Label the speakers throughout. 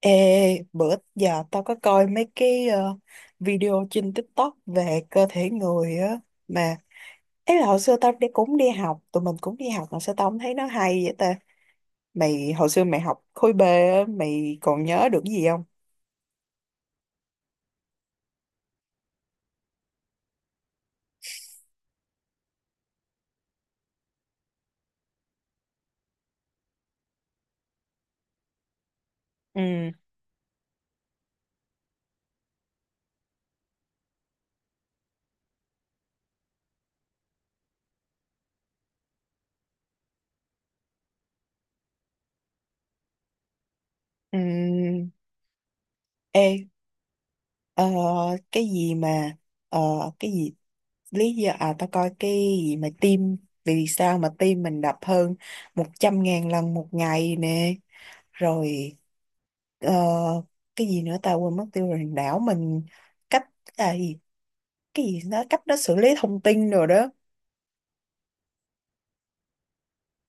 Speaker 1: Ê, bữa giờ tao có coi mấy cái video trên TikTok về cơ thể người á mà ấy là hồi xưa tao đi cũng đi học, tụi mình cũng đi học mà sao tao không thấy nó hay vậy ta. Mày hồi xưa mày học khối B á, mày còn nhớ được cái gì không? Ừ. Ừ. Ê, ờ, cái gì mà ờ, cái gì, lý do, à tao coi cái gì mà tim, vì sao mà tim mình đập hơn một trăm ngàn lần một ngày nè. Rồi ờ, cái gì nữa ta, quên mất tiêu rồi, đảo mình cách, à, gì, cái gì, nó cách nó xử lý thông tin rồi đó.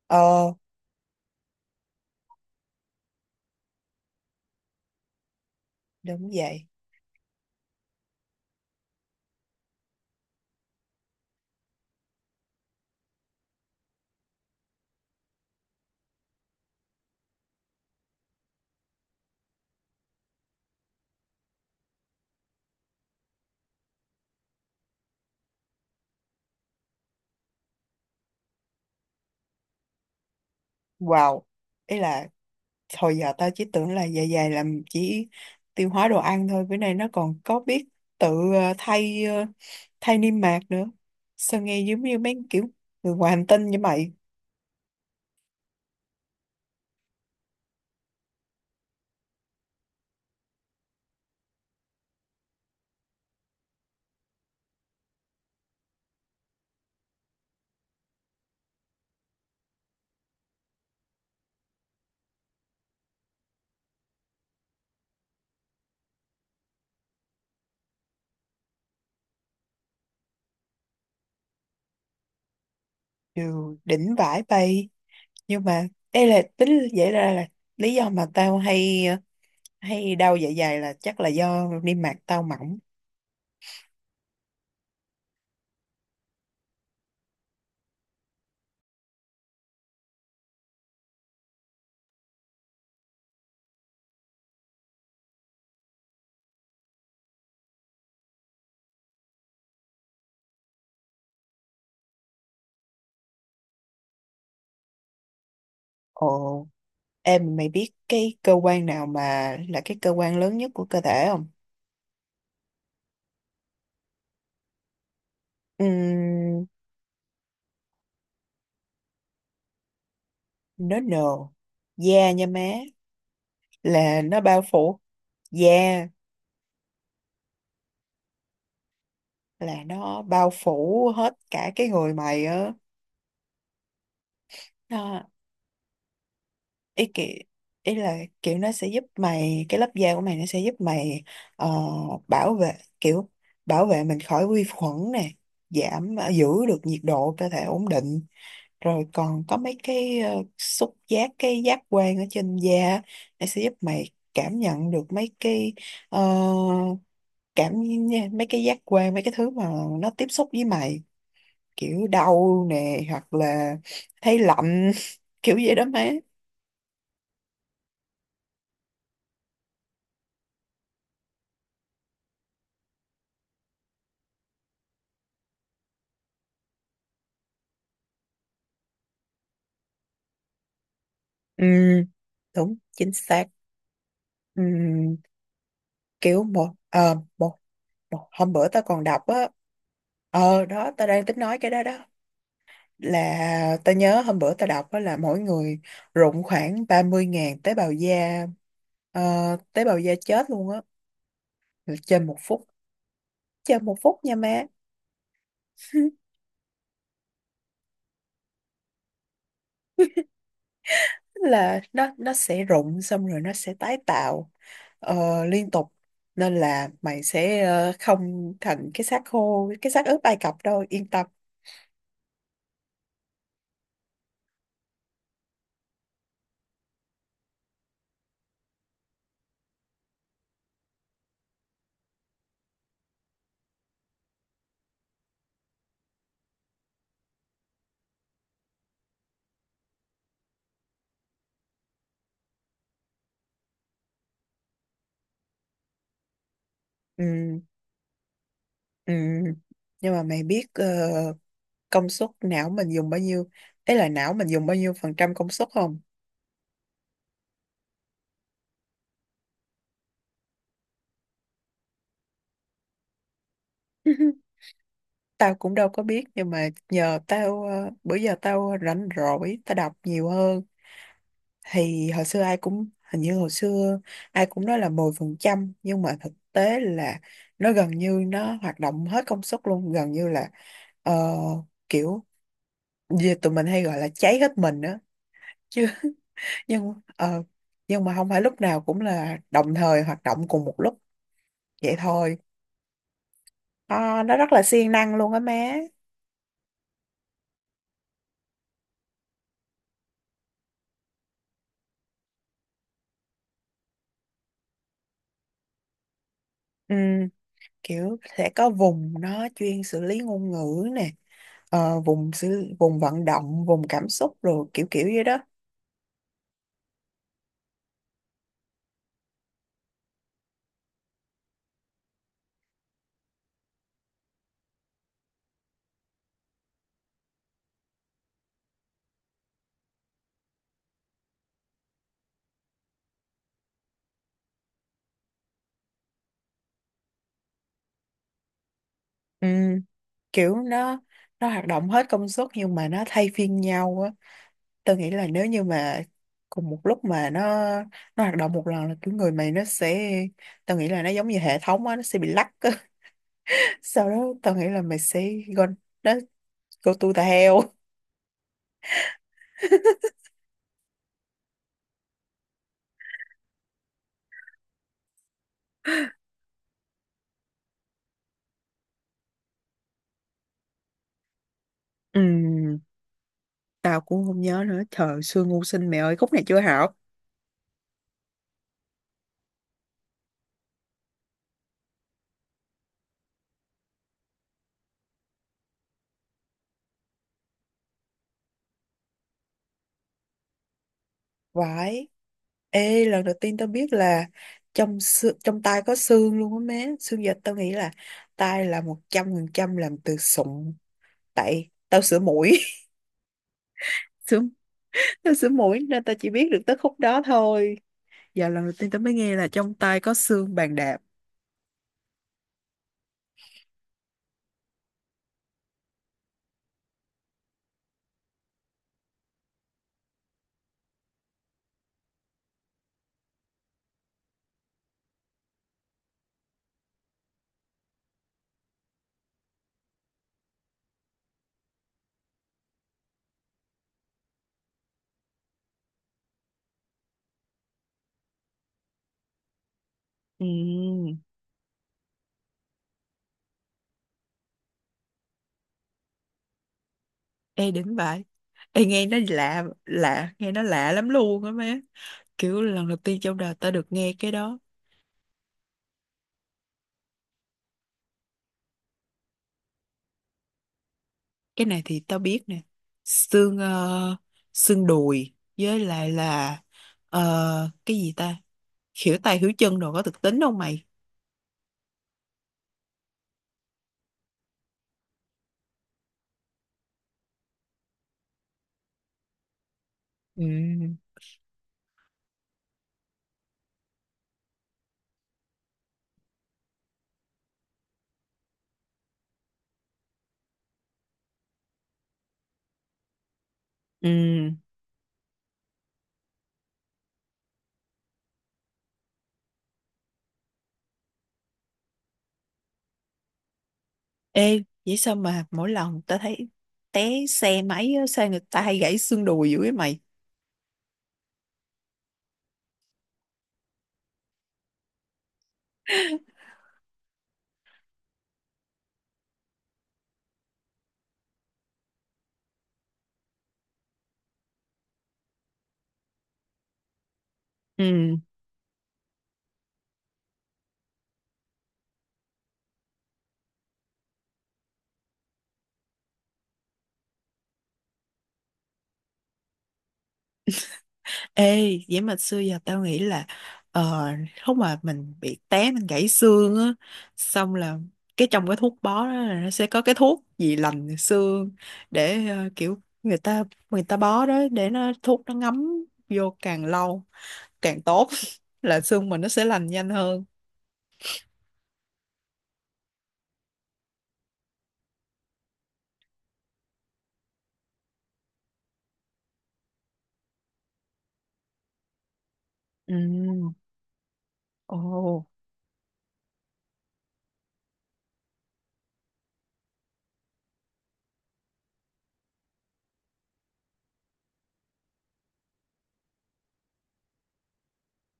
Speaker 1: Ờ, đúng vậy. Wow, ý là hồi giờ tao chỉ tưởng là dạ dày làm chỉ tiêu hóa đồ ăn thôi, bữa nay nó còn có biết tự thay, thay niêm mạc nữa, sao nghe giống như mấy kiểu người ngoài hành tinh như mày. Đều đỉnh vãi bay. Nhưng mà đây là tính vậy ra là lý do mà tao hay hay đau dạ dày là chắc là do niêm mạc tao mỏng. Ồ, em mày biết cái cơ quan nào mà là cái cơ quan lớn nhất của cơ thể không? Ừm. Nó nồ, da nha má, là nó bao phủ da, là nó bao phủ hết cả cái người mày á. Nó, ý kiểu, ý là kiểu nó sẽ giúp mày, cái lớp da của mày nó sẽ giúp mày ờ, bảo vệ, kiểu bảo vệ mình khỏi vi khuẩn nè, giảm giữ được nhiệt độ cơ thể ổn định, rồi còn có mấy cái xúc giác, cái giác quan ở trên da, nó sẽ giúp mày cảm nhận được mấy cái ờ, cảm, mấy cái giác quan, mấy cái thứ mà nó tiếp xúc với mày, kiểu đau nè hoặc là thấy lạnh kiểu vậy đó má. Ừ, đúng chính xác. Ừ, kiểu một một hôm bữa tao còn đọc á. Ờ đó, tao đang tính nói cái đó đó, là ta nhớ hôm bữa ta đọc đó là mỗi người rụng khoảng ba mươi ngàn tế bào da, ờ, tế bào da chết luôn á. Rồi chơi một phút, chơi một phút nha má. Là nó sẽ rụng xong rồi nó sẽ tái tạo liên tục, nên là mày sẽ không thành cái xác khô, cái xác ướp Ai Cập đâu, yên tâm. Ừ. Ừ. Nhưng mà mày biết công suất não mình dùng bao nhiêu, ấy là não mình dùng bao nhiêu phần trăm công suất không? Tao cũng đâu có biết, nhưng mà nhờ tao bữa giờ tao rảnh rỗi tao đọc nhiều hơn, thì hồi xưa ai cũng, hình như hồi xưa ai cũng nói là mười phần trăm, nhưng mà thực tế là nó gần như nó hoạt động hết công suất luôn, gần như là ờ, kiểu, về tụi mình hay gọi là cháy hết mình á chứ. nhưng ờ, nhưng mà không phải lúc nào cũng là đồng thời hoạt động cùng một lúc vậy thôi. Ờ, nó rất là siêng năng luôn á má. Ừ, kiểu sẽ có vùng nó chuyên xử lý ngôn ngữ nè, vùng xử, vùng vận động, vùng cảm xúc, rồi kiểu kiểu vậy đó. Ừ, kiểu nó hoạt động hết công suất nhưng mà nó thay phiên nhau á. Tôi nghĩ là nếu như mà cùng một lúc mà nó hoạt động một lần là kiểu người mày nó sẽ, tôi nghĩ là nó giống như hệ thống á, nó sẽ bị lắc á. Sau đó tôi nghĩ là mày sẽ go, nó go to the hell. Ừ, tao cũng không nhớ nữa, trời xưa ngu sinh mẹ ơi, khúc này chưa học. Vãi. Ê, lần đầu tiên tao biết là trong tai có xương luôn á má. Xương dịch tao nghĩ là tai là 100% làm từ sụn. Tại tao sửa mũi. Sửa, tao sửa mũi nên tao chỉ biết được tới khúc đó thôi. Giờ lần đầu tiên tao mới nghe là trong tai có xương bàn đạp. Ừ. Ê đỉnh vậy. Ê nghe nó lạ, lạ, nghe nó lạ lắm luôn á má. Kiểu lần đầu tiên trong đời tao được nghe cái đó. Cái này thì tao biết nè, xương xương đùi với lại là cái gì ta, khỉu tay khỉu chân đồ có thực tính không mày? Ừ. Ừ. Ê vậy sao mà mỗi lần tao thấy té xe máy á, sao người ta hay gãy xương đùi dữ vậy mày? Ừ. Ê, vậy mà xưa giờ tao nghĩ là ờ, lúc mà mình bị té mình gãy xương á, xong là cái trong cái thuốc bó đó là nó sẽ có cái thuốc gì lành xương để kiểu người ta, người ta bó đó để nó thuốc nó ngấm vô càng lâu càng tốt là xương mình nó sẽ lành nhanh hơn. Ừ. Ồ.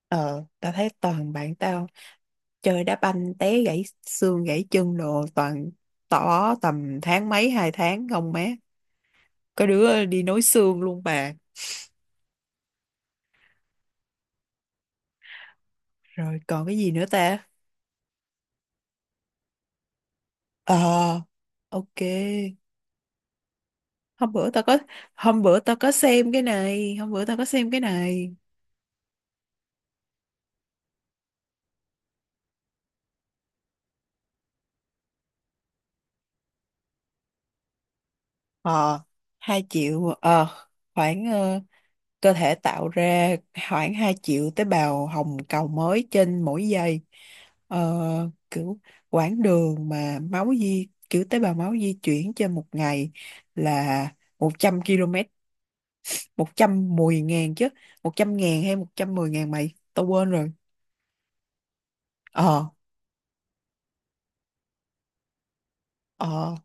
Speaker 1: Ờ, tao thấy toàn bạn tao chơi đá banh té gãy xương gãy chân đồ toàn tỏ tầm tháng mấy hai tháng không má. Có đứa đi nối xương luôn bà. Rồi còn cái gì nữa ta? Ờ. Ok. hôm bữa tao có hôm bữa tao có xem cái này hôm bữa tao có xem cái này. Ờ. Hai triệu, ờ, khoảng cơ thể tạo ra khoảng 2 triệu tế bào hồng cầu mới trên mỗi giây. ờ, kiểu quãng đường mà máu di, kiểu tế bào máu di chuyển trên một ngày là 100 km. Một trăm mười ngàn chứ, 100 ngàn hay 110 ngàn mày, tao quên rồi. Ờ. Ờ,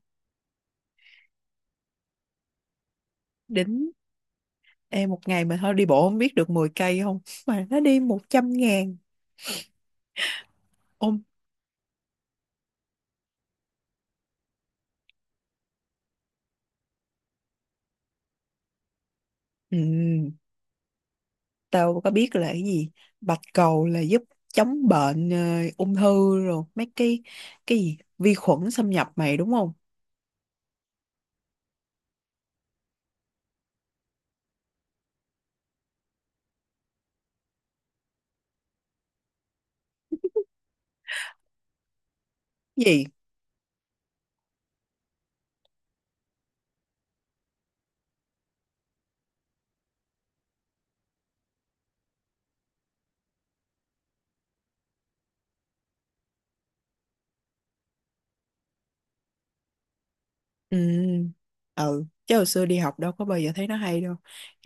Speaker 1: đính. Em một ngày mà thôi đi bộ không biết được 10 cây không mà nó đi 100 ngàn. Ôm. Ừ, tao có biết là cái gì, bạch cầu là giúp chống bệnh ung thư rồi mấy cái gì vi khuẩn xâm nhập mày đúng không? Gì. Ừ. Ừ chứ hồi xưa đi học đâu có bao giờ thấy nó hay đâu,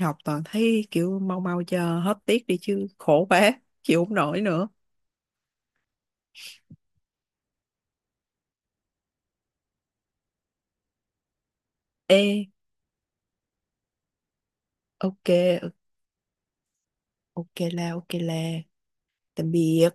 Speaker 1: học toàn thấy kiểu mau mau cho hết tiết đi chứ khổ quá, chịu không nổi nữa. Ê. Ok, ok. Ok là, ok là. Tạm biệt.